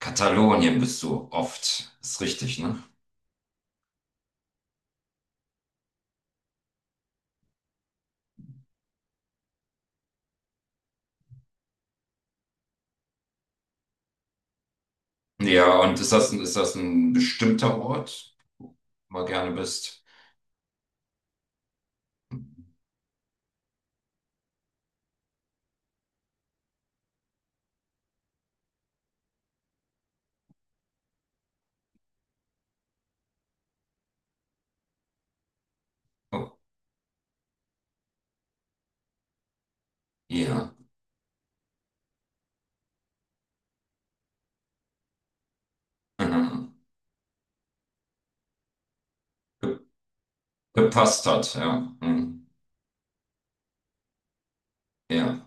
Katalonien bist du oft. Ist richtig, ne? Ja, und ist das, ist das ein bestimmter Ort, wo du gerne bist? Oh, ja. Mhm. Ge gepasst hat, ja. Mhm. Ja.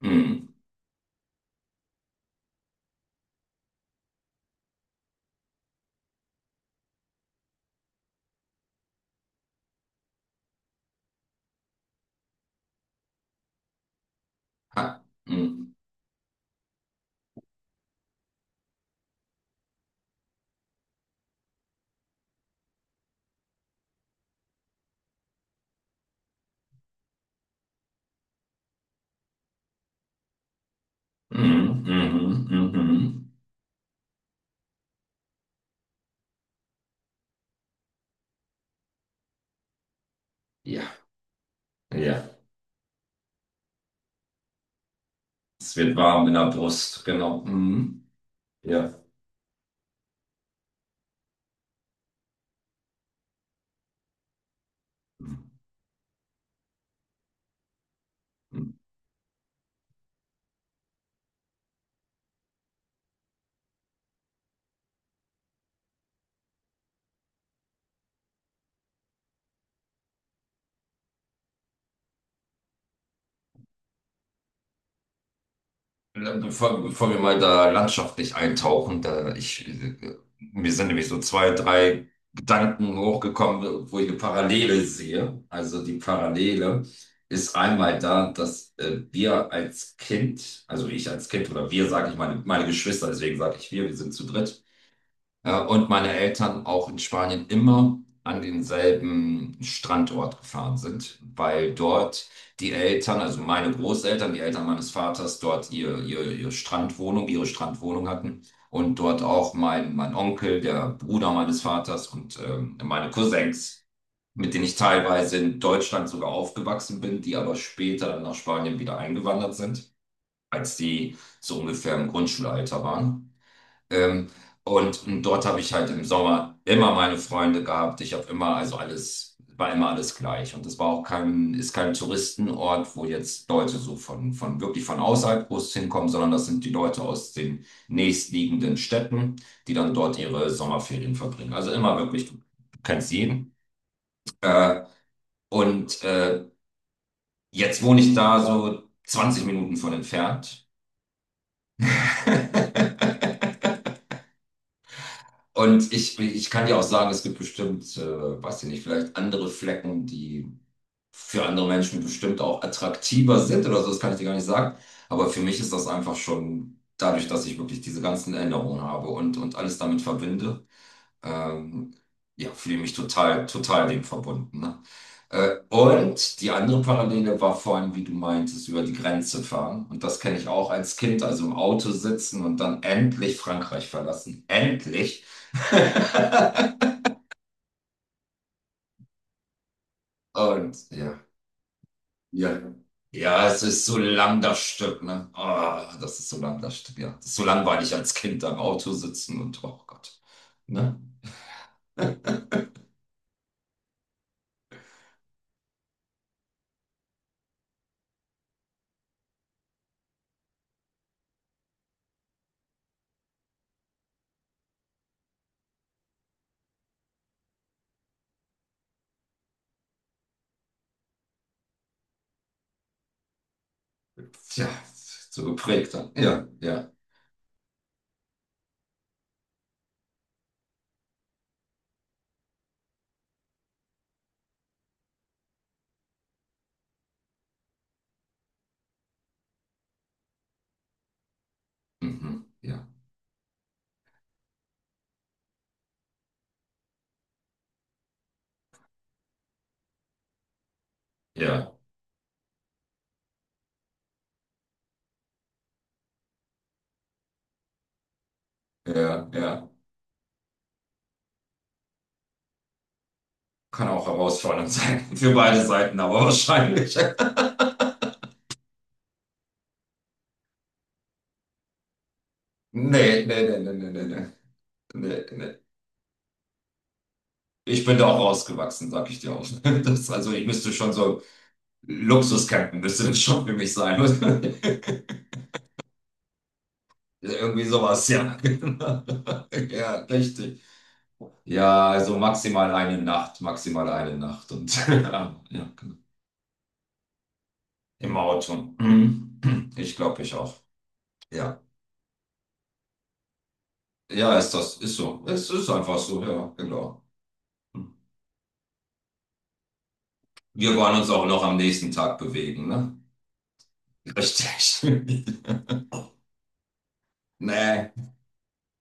Mhm. Ha. Mhm. Mhm. Mhm. Mhm. Ja. Ja. Es wird warm in der Brust, genau. Mhm. Ja. Mhm. Bevor wir mal da landschaftlich eintauchen, da ich, mir sind nämlich so zwei, drei Gedanken hochgekommen, wo ich eine Parallele sehe. Also die Parallele ist einmal da, dass wir als Kind, also ich als Kind oder wir, sage ich meine Geschwister, deswegen sage ich wir sind zu dritt. Und meine Eltern auch in Spanien immer an denselben Standort gefahren sind, weil dort die Eltern, also meine Großeltern, die Eltern meines Vaters, dort ihre Strandwohnung hatten. Und dort auch mein Onkel, der Bruder meines Vaters und meine Cousins, mit denen ich teilweise in Deutschland sogar aufgewachsen bin, die aber später dann nach Spanien wieder eingewandert sind, als die so ungefähr im Grundschulalter waren. Ähm, und dort habe ich halt im Sommer immer meine Freunde gehabt. Ich habe immer, also alles, war immer alles gleich. Und das war auch kein, ist kein Touristenort, wo jetzt Leute so von wirklich von außerhalb groß hinkommen, sondern das sind die Leute aus den nächstliegenden Städten, die dann dort ihre Sommerferien verbringen. Also immer wirklich, du kennst jeden. Äh, und jetzt wohne ich da so 20 Minuten von entfernt. Und ich kann dir auch sagen, es gibt bestimmt, weiß ich nicht, vielleicht andere Flecken, die für andere Menschen bestimmt auch attraktiver sind oder so, das kann ich dir gar nicht sagen. Aber für mich ist das einfach schon dadurch, dass ich wirklich diese ganzen Erinnerungen habe und alles damit verbinde, ähm, ja, fühle mich total, total dem verbunden. Ne? Und die andere Parallele war vorhin, wie du meintest, über die Grenze fahren. Und das kenne ich auch als Kind, also im Auto sitzen und dann endlich Frankreich verlassen. Endlich! Und ja, ja. Ja, es ist so lang das Stück, ne? Ah, das ist so lang das Stück, ja. Das ist so langweilig als Kind am Auto sitzen und oh Gott, ne? Tja, so geprägt dann. Ja, ja. Mhm, ja. Ja, ja, ja. Kann auch herausfordernd sein für beide Seiten, aber wahrscheinlich. Nee, nee, nee, nee, nee, nee, nee, nee. Nee. Ich bin da auch rausgewachsen, sag ich dir auch. Das, also ich müsste schon so Luxuscampen, müsste das schon für mich sein. Irgendwie sowas, ja. Ja, richtig. Ja, also maximal eine Nacht und ja, genau. Im Auto. Ich glaube, ich auch. Ja. Ja, ist das, ist so. Es ist einfach so, ja, genau. Wir wollen uns auch noch am nächsten Tag bewegen, ne? Richtig. Nee,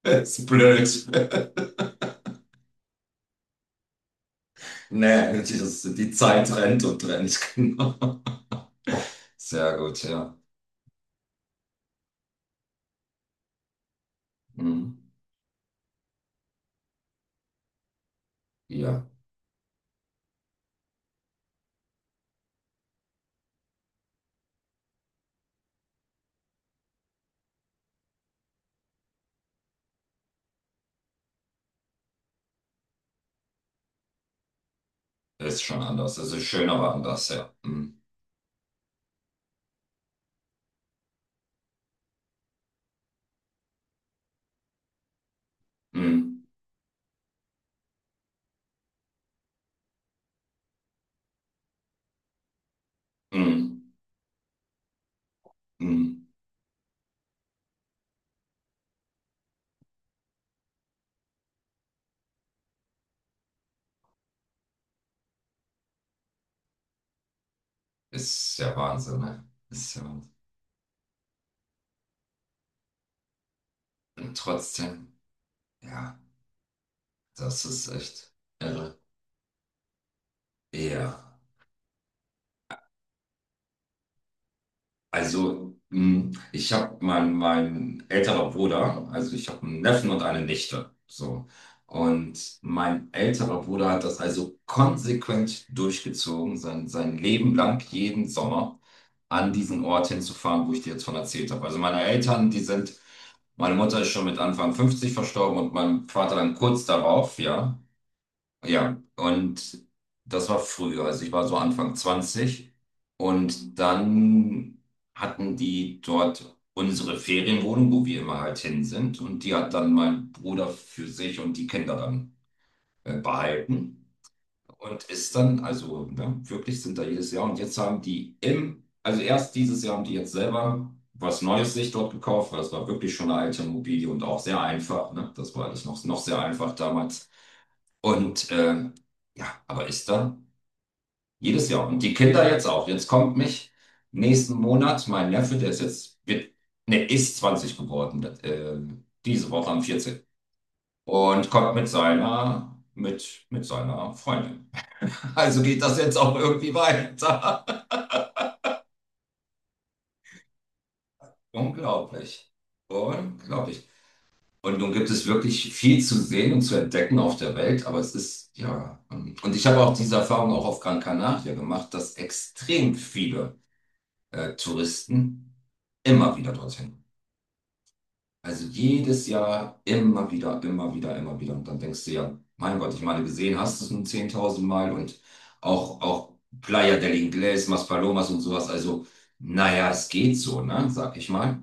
ist blöd. Nee, die, das, die Zeit rennt und rennt, genau. Sehr gut, ja. Mhm. Ja, ist schon anders. Es ist schön, aber anders, ja. Mhm. Mhm. Mhm. Mhm. Ist ja Wahnsinn, ne? Ist ja Wahnsinn. Und trotzdem, ja, das ist echt irre. Ja. Also, ich habe mein, älterer Bruder, also ich habe einen Neffen und eine Nichte. So. Und mein älterer Bruder hat das also konsequent durchgezogen, sein Leben lang, jeden Sommer an diesen Ort hinzufahren, wo ich dir jetzt von erzählt habe. Also meine Eltern, die sind, meine Mutter ist schon mit Anfang 50 verstorben und mein Vater dann kurz darauf, ja. Ja, und das war früher. Also ich war so Anfang 20 und dann hatten die dort unsere Ferienwohnung, wo wir immer halt hin sind. Und die hat dann mein Bruder für sich und die Kinder dann behalten. Und ist dann, also ne, wirklich sind da jedes Jahr. Und jetzt haben die im, also erst dieses Jahr haben die jetzt selber was Neues sich dort gekauft, weil es war wirklich schon eine alte Immobilie und auch sehr einfach. Ne? Das war alles noch, sehr einfach damals. Und ja, aber ist da jedes Jahr. Und die Kinder jetzt auch. Jetzt kommt mich nächsten Monat mein Neffe, der ist jetzt, wird, ne, ist 20 geworden, diese Woche am 14. Und kommt mit seiner Freundin. Also geht das jetzt auch irgendwie weiter. Unglaublich. Unglaublich. Und nun gibt es wirklich viel zu sehen und zu entdecken auf der Welt, aber es ist, ja. Und ich habe auch diese Erfahrung auch auf Gran Canaria gemacht, dass extrem viele Touristen immer wieder dorthin. Also jedes Jahr immer wieder, immer wieder, immer wieder. Und dann denkst du ja, mein Gott, ich meine, gesehen hast du es nun 10.000 Mal und auch Playa del Inglés, Maspalomas und sowas. Also, naja, es geht so, ne, sag ich mal.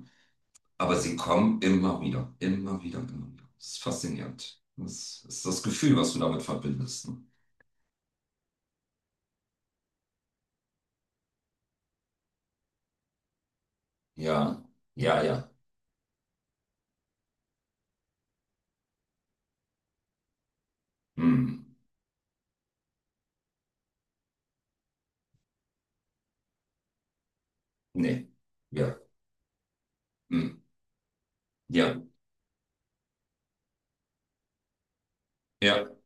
Aber sie kommen immer wieder, immer wieder, immer wieder. Das ist faszinierend. Das ist das Gefühl, was du damit verbindest. Ne? Ja, ja, ja. Hm. Nee. Ja. Hm. Ja. Ja.